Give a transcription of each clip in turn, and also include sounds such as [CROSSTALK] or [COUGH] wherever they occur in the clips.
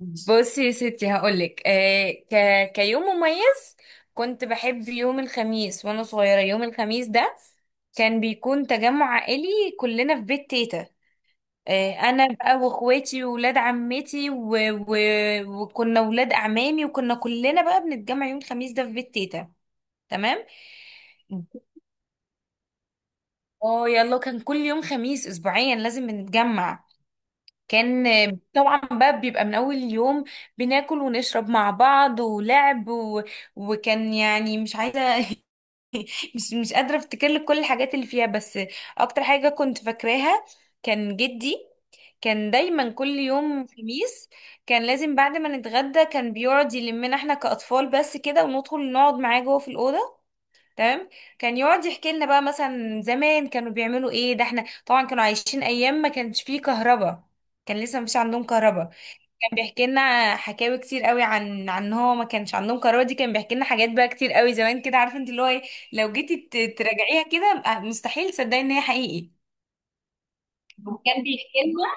بصي يا ستي، هقولك كيوم مميز، كنت بحب يوم الخميس وانا صغيرة. يوم الخميس ده كان بيكون تجمع عائلي، كلنا في بيت تيتا. انا بقى واخواتي وولاد عمتي و... وكنا ولاد اعمامي، وكنا كلنا بقى بنتجمع يوم الخميس ده في بيت تيتا، تمام. اه يلا، كان كل يوم خميس اسبوعيا لازم نتجمع. كان طبعا بقى بيبقى من اول يوم بناكل ونشرب مع بعض ولعب وكان، يعني، مش عايزه [LAUGHS] مش قادره افتكر لك كل الحاجات اللي فيها، بس اكتر حاجه كنت فاكراها كان جدي. كان دايما كل يوم خميس، كان لازم بعد ما نتغدى كان بيقعد يلمنا احنا كأطفال بس كده، وندخل نقعد معاه جوه في الأوضة، تمام. كان يقعد يحكي لنا بقى مثلا زمان كانوا بيعملوا ايه. ده احنا طبعا كانوا عايشين ايام ما كانش فيه كهرباء، كان لسه مفيش عندهم كهرباء. كان بيحكي لنا حكاوي كتير قوي عن إن هو ما كانش عندهم كهرباء دي، كان بيحكي لنا حاجات بقى كتير قوي زمان كده، عارفه انت اللي هو ايه. لو جيتي تراجعيها كده، مستحيل تصدقي ان هي حقيقي. وكان بيحكي لنا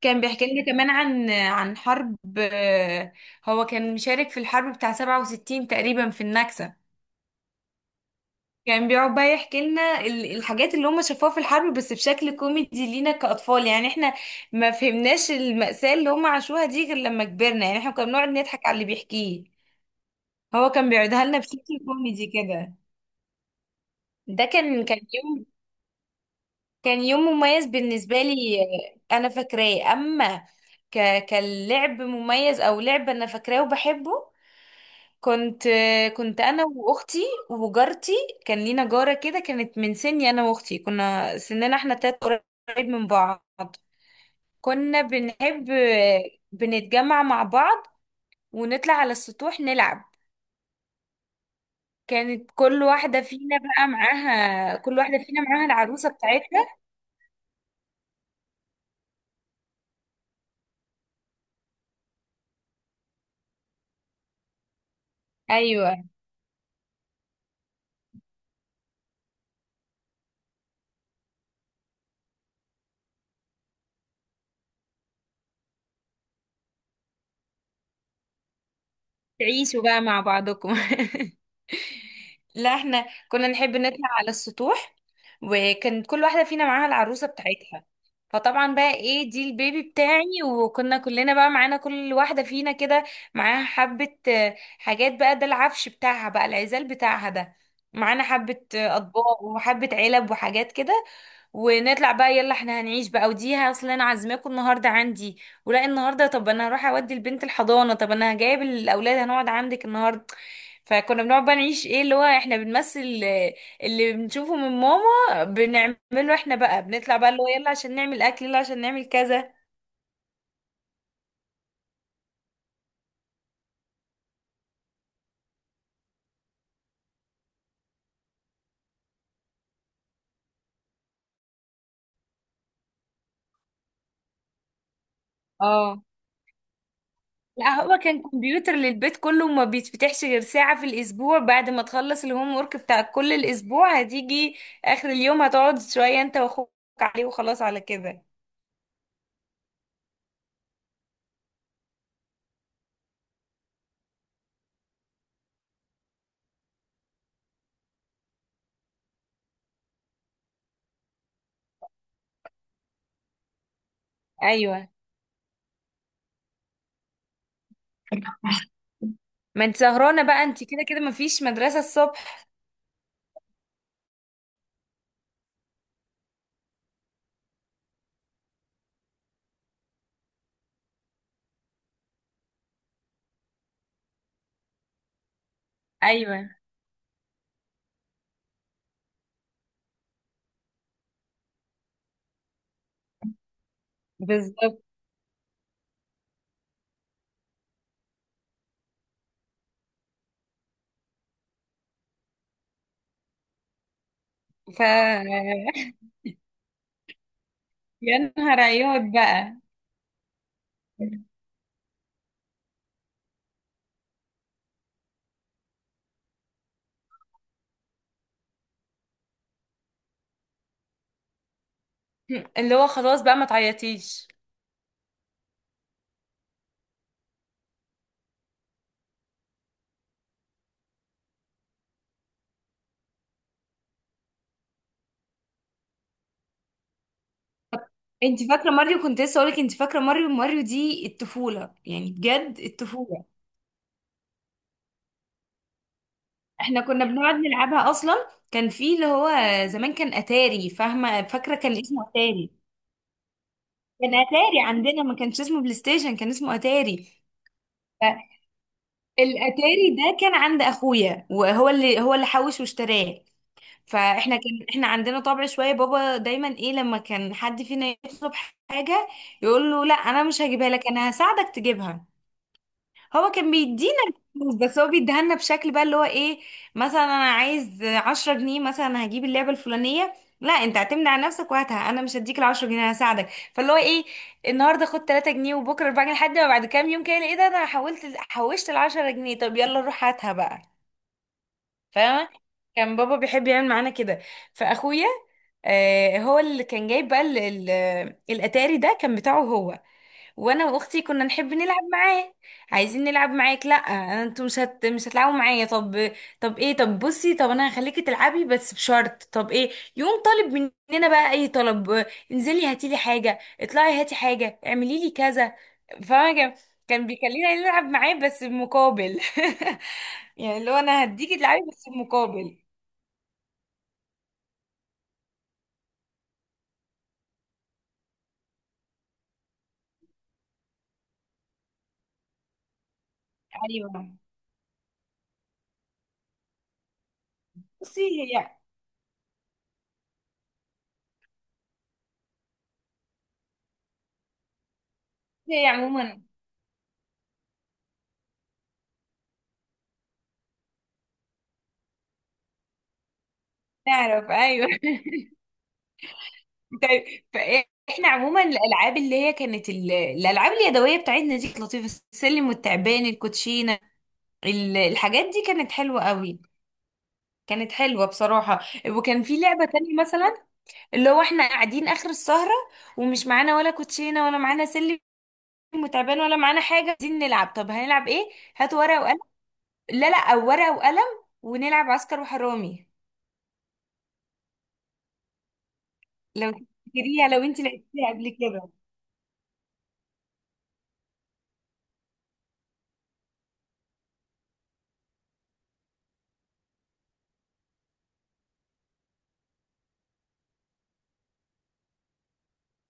كان بيحكي لنا كمان عن حرب، هو كان مشارك في الحرب بتاع 67 تقريبا، في النكسة. كان بيقعد بقى يحكي لنا الحاجات اللي هم شافوها في الحرب، بس بشكل كوميدي لينا كأطفال. يعني احنا ما فهمناش المأساة اللي هم عاشوها دي غير لما كبرنا. يعني احنا كنا بنقعد نضحك على اللي بيحكيه، هو كان بيقعدها لنا بشكل كوميدي كده. ده كان كان يوم مميز بالنسبة لي. انا فاكراه. اما كاللعب مميز او لعب، انا فاكراه وبحبه. كنت كنت انا واختي وجارتي. كان لينا جاره كده كانت من سني، انا واختي كنا سننا احنا تلات قريب من بعض. كنا بنحب بنتجمع مع بعض، ونطلع على السطوح نلعب. كانت كل واحده فينا معاها العروسه بتاعتها. ايوه، تعيشوا بقى مع بعضكم [LAUGHS] لا احنا كنا نحب نطلع على السطوح، وكان كل واحدة فينا معاها العروسة بتاعتها. فطبعا بقى ايه، دي البيبي بتاعي. وكنا كلنا بقى معانا، كل واحدة فينا كده معاها حبة حاجات بقى، ده العفش بتاعها بقى، العزال بتاعها ده. معانا حبة أطباق وحبة علب وحاجات كده. ونطلع بقى يلا احنا هنعيش بقى، ودي اصل انا عازماكم النهارده عندي ولا النهارده، طب انا هروح اودي البنت الحضانه، طب انا جايب الاولاد هنقعد عندك النهارده. فكنا بنقعد بقى نعيش، ايه اللي هو، احنا بنمثل اللي بنشوفه من ماما بنعمله احنا بقى. بنطلع بقى اللي هو يلا عشان نعمل اكل، يلا عشان نعمل كذا. اه، لا هو كان كمبيوتر للبيت كله وما بيتفتحش غير ساعة في الأسبوع، بعد ما تخلص الهوم ورك بتاع كل الأسبوع هتيجي آخر اليوم هتقعد شوية أنت وأخوك عليه، وخلاص على كده. أيوة، ما أنت سهرانة بقى، أنت كده كده مفيش مدرسة الصبح. أيوة بالظبط، ف [LAUGHS] يا نهار عياط بقى، اللي هو خلاص بقى ما تعيطيش. انت فاكره ماريو؟ كنت لسه اقولك، انت فاكره ماريو؟ ماريو دي الطفوله، يعني بجد الطفوله. احنا كنا بنقعد نلعبها اصلا. كان في اللي هو زمان كان اتاري، فاهمه، فاكره، كان اسمه اتاري. كان اتاري عندنا، ما كانش اسمه بلاي ستيشن، كان اسمه اتاري. فالاتاري ده كان عند اخويا، وهو اللي هو اللي حوش واشتراه. فاحنا كان احنا عندنا طبع شويه، بابا دايما ايه لما كان حد فينا يطلب حاجه يقول له: لا انا مش هجيبها لك، انا هساعدك تجيبها. هو كان بيدينا الفلوس، بس هو بيديها لنا بشكل بقى اللي هو ايه. مثلا: انا عايز 10 جنيه مثلا هجيب اللعبه الفلانيه. لا انت اعتمد على نفسك وهاتها، انا مش هديك ال 10 جنيه، انا هساعدك. فاللي هو ايه: النهارده خد 3 جنيه، وبكره 4 جنيه، لحد ما بعد كام يوم كده ايه ده، انا حولت حوشت ال 10 جنيه، طب يلا روح هاتها بقى. فاهمة؟ كان بابا بيحب يعمل معانا كده. فاخويا هو اللي كان جايب بقى الاتاري ده كان بتاعه هو. وانا واختي كنا نحب نلعب معاه. عايزين نلعب معاك؟ لا، انتوا مش هتلعبوا معايا. طب، طب ايه؟ طب بصي، طب انا هخليكي تلعبي بس بشرط. طب ايه؟ يقوم طالب مننا بقى اي طلب: انزلي هاتي لي حاجه، اطلعي هاتي حاجه، اعملي لي كذا. فاهمه كان بيخلينا نلعب معاه بس بمقابل [LAUGHS] يعني اللي هو انا هديكي تلعبي بس بمقابل. ايوه، بصي، هي عموما نعرف، ايوه [LAUGHS] طيب، فاحنا عموما الالعاب اللي هي كانت الالعاب اليدويه بتاعتنا دي كانت لطيفه: السلم والتعبان، الكوتشينه، الحاجات دي كانت حلوه قوي، كانت حلوه بصراحه. وكان في لعبه تانية مثلا، اللي هو احنا قاعدين اخر السهره ومش معانا ولا كوتشينه ولا معانا سلم وتعبان ولا معانا حاجه، عايزين نلعب. طب هنلعب ايه؟ هاتوا ورقه وقلم، لا لا، او ورقه وقلم، ونلعب عسكر وحرامي. لو تفتكريها، لو انت لعبتيها قبل كده.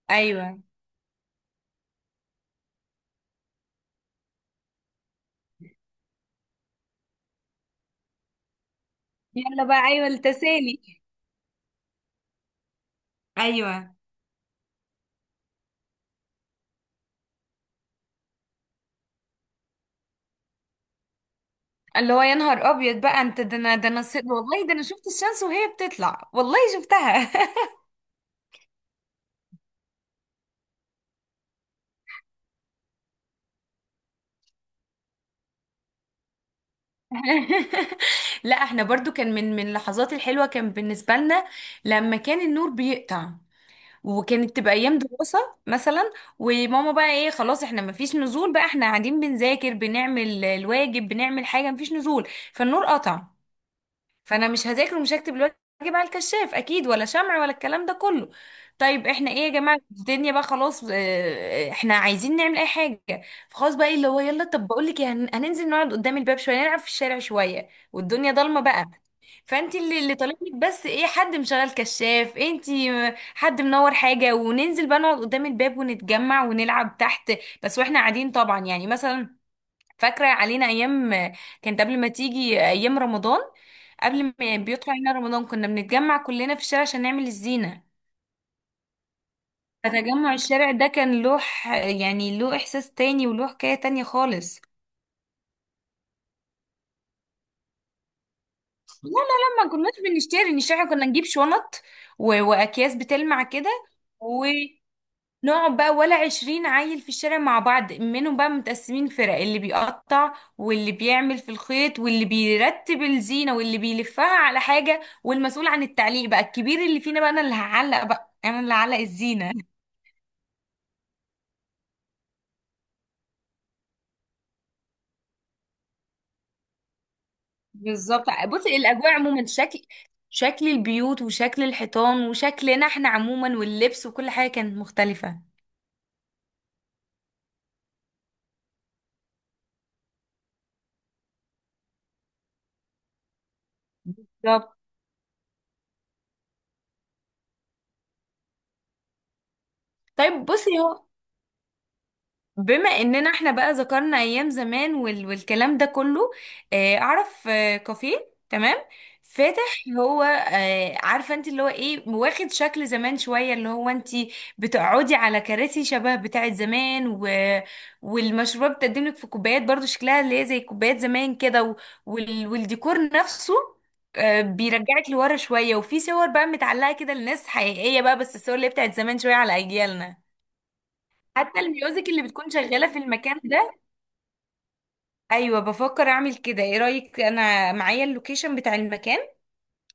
ايوه، يلا بقى، ايوه التسالي. ايوه، اللي هو يا نهار ابيض بقى، انت ده، انا ده، انا والله ده انا شفت الشمس وهي بتطلع، والله شفتها [LAUGHS] لا احنا برضو كان من اللحظات الحلوة كان بالنسبة لنا لما كان النور بيقطع، وكانت تبقى ايام دراسة مثلا، وماما بقى ايه خلاص احنا مفيش نزول بقى، احنا قاعدين بنذاكر بنعمل الواجب بنعمل حاجة، مفيش نزول. فالنور قطع، فانا مش هذاكر ومش هكتب الواجب على الكشاف اكيد، ولا شمع ولا الكلام ده كله. طيب احنا ايه يا جماعه، الدنيا بقى خلاص احنا عايزين نعمل اي حاجه. فخلاص بقى إيه، اللي هو يلا، طب بقول لك إيه، هننزل نقعد قدام الباب شويه، نلعب في الشارع شويه والدنيا ضلمه بقى. فانت اللي طالب لك بس ايه، حد مشغل كشاف انت، حد منور حاجه، وننزل بقى نقعد قدام الباب ونتجمع ونلعب تحت. بس واحنا قاعدين طبعا، يعني مثلا، فاكرة علينا أيام كانت قبل ما تيجي أيام رمضان. قبل ما بيطلع علينا رمضان كنا بنتجمع كلنا في الشارع عشان نعمل الزينة. فتجمع الشارع ده كان له يعني له إحساس تاني وله حكاية تانية خالص. ما كناش بنشتري، كنا نجيب شنط وأكياس بتلمع كده، نقعد بقى ولا عشرين عيل في الشارع مع بعض، منهم بقى متقسمين فرق، اللي بيقطع واللي بيعمل في الخيط واللي بيرتب الزينة واللي بيلفها على حاجة، والمسؤول عن التعليق بقى الكبير اللي فينا بقى، انا اللي هعلق بقى، انا اللي هعلق الزينة [LAUGHS] بالظبط، بصي الاجواء عموما، شكل البيوت وشكل الحيطان وشكلنا احنا عموما واللبس وكل حاجة كانت مختلفة. بالظبط. طيب بصي، هو بما اننا احنا بقى ذكرنا ايام زمان والكلام ده كله، اعرف كافيه تمام، فاتح، هو عارفه انت اللي هو ايه، واخد شكل زمان شويه، اللي هو انت بتقعدي على كراسي شبه بتاعه زمان والمشروبات بتقدم لك في كوبايات برضو شكلها اللي هي زي كوبايات زمان كده والديكور نفسه، بيرجعك لورا شويه. وفي صور بقى متعلقه كده لناس حقيقيه بقى، بس الصور اللي هي بتاعت زمان شويه على اجيالنا. حتى الميوزك اللي بتكون شغالة في المكان ده. ايوه، بفكر اعمل كده. ايه رأيك؟ انا معايا اللوكيشن بتاع المكان،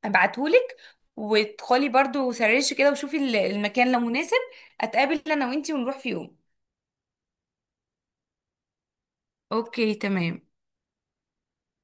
ابعتهولك. وادخلي برضو سرشي كده وشوفي المكان لو مناسب، اتقابل انا وانتي ونروح في يوم. اوكي تمام.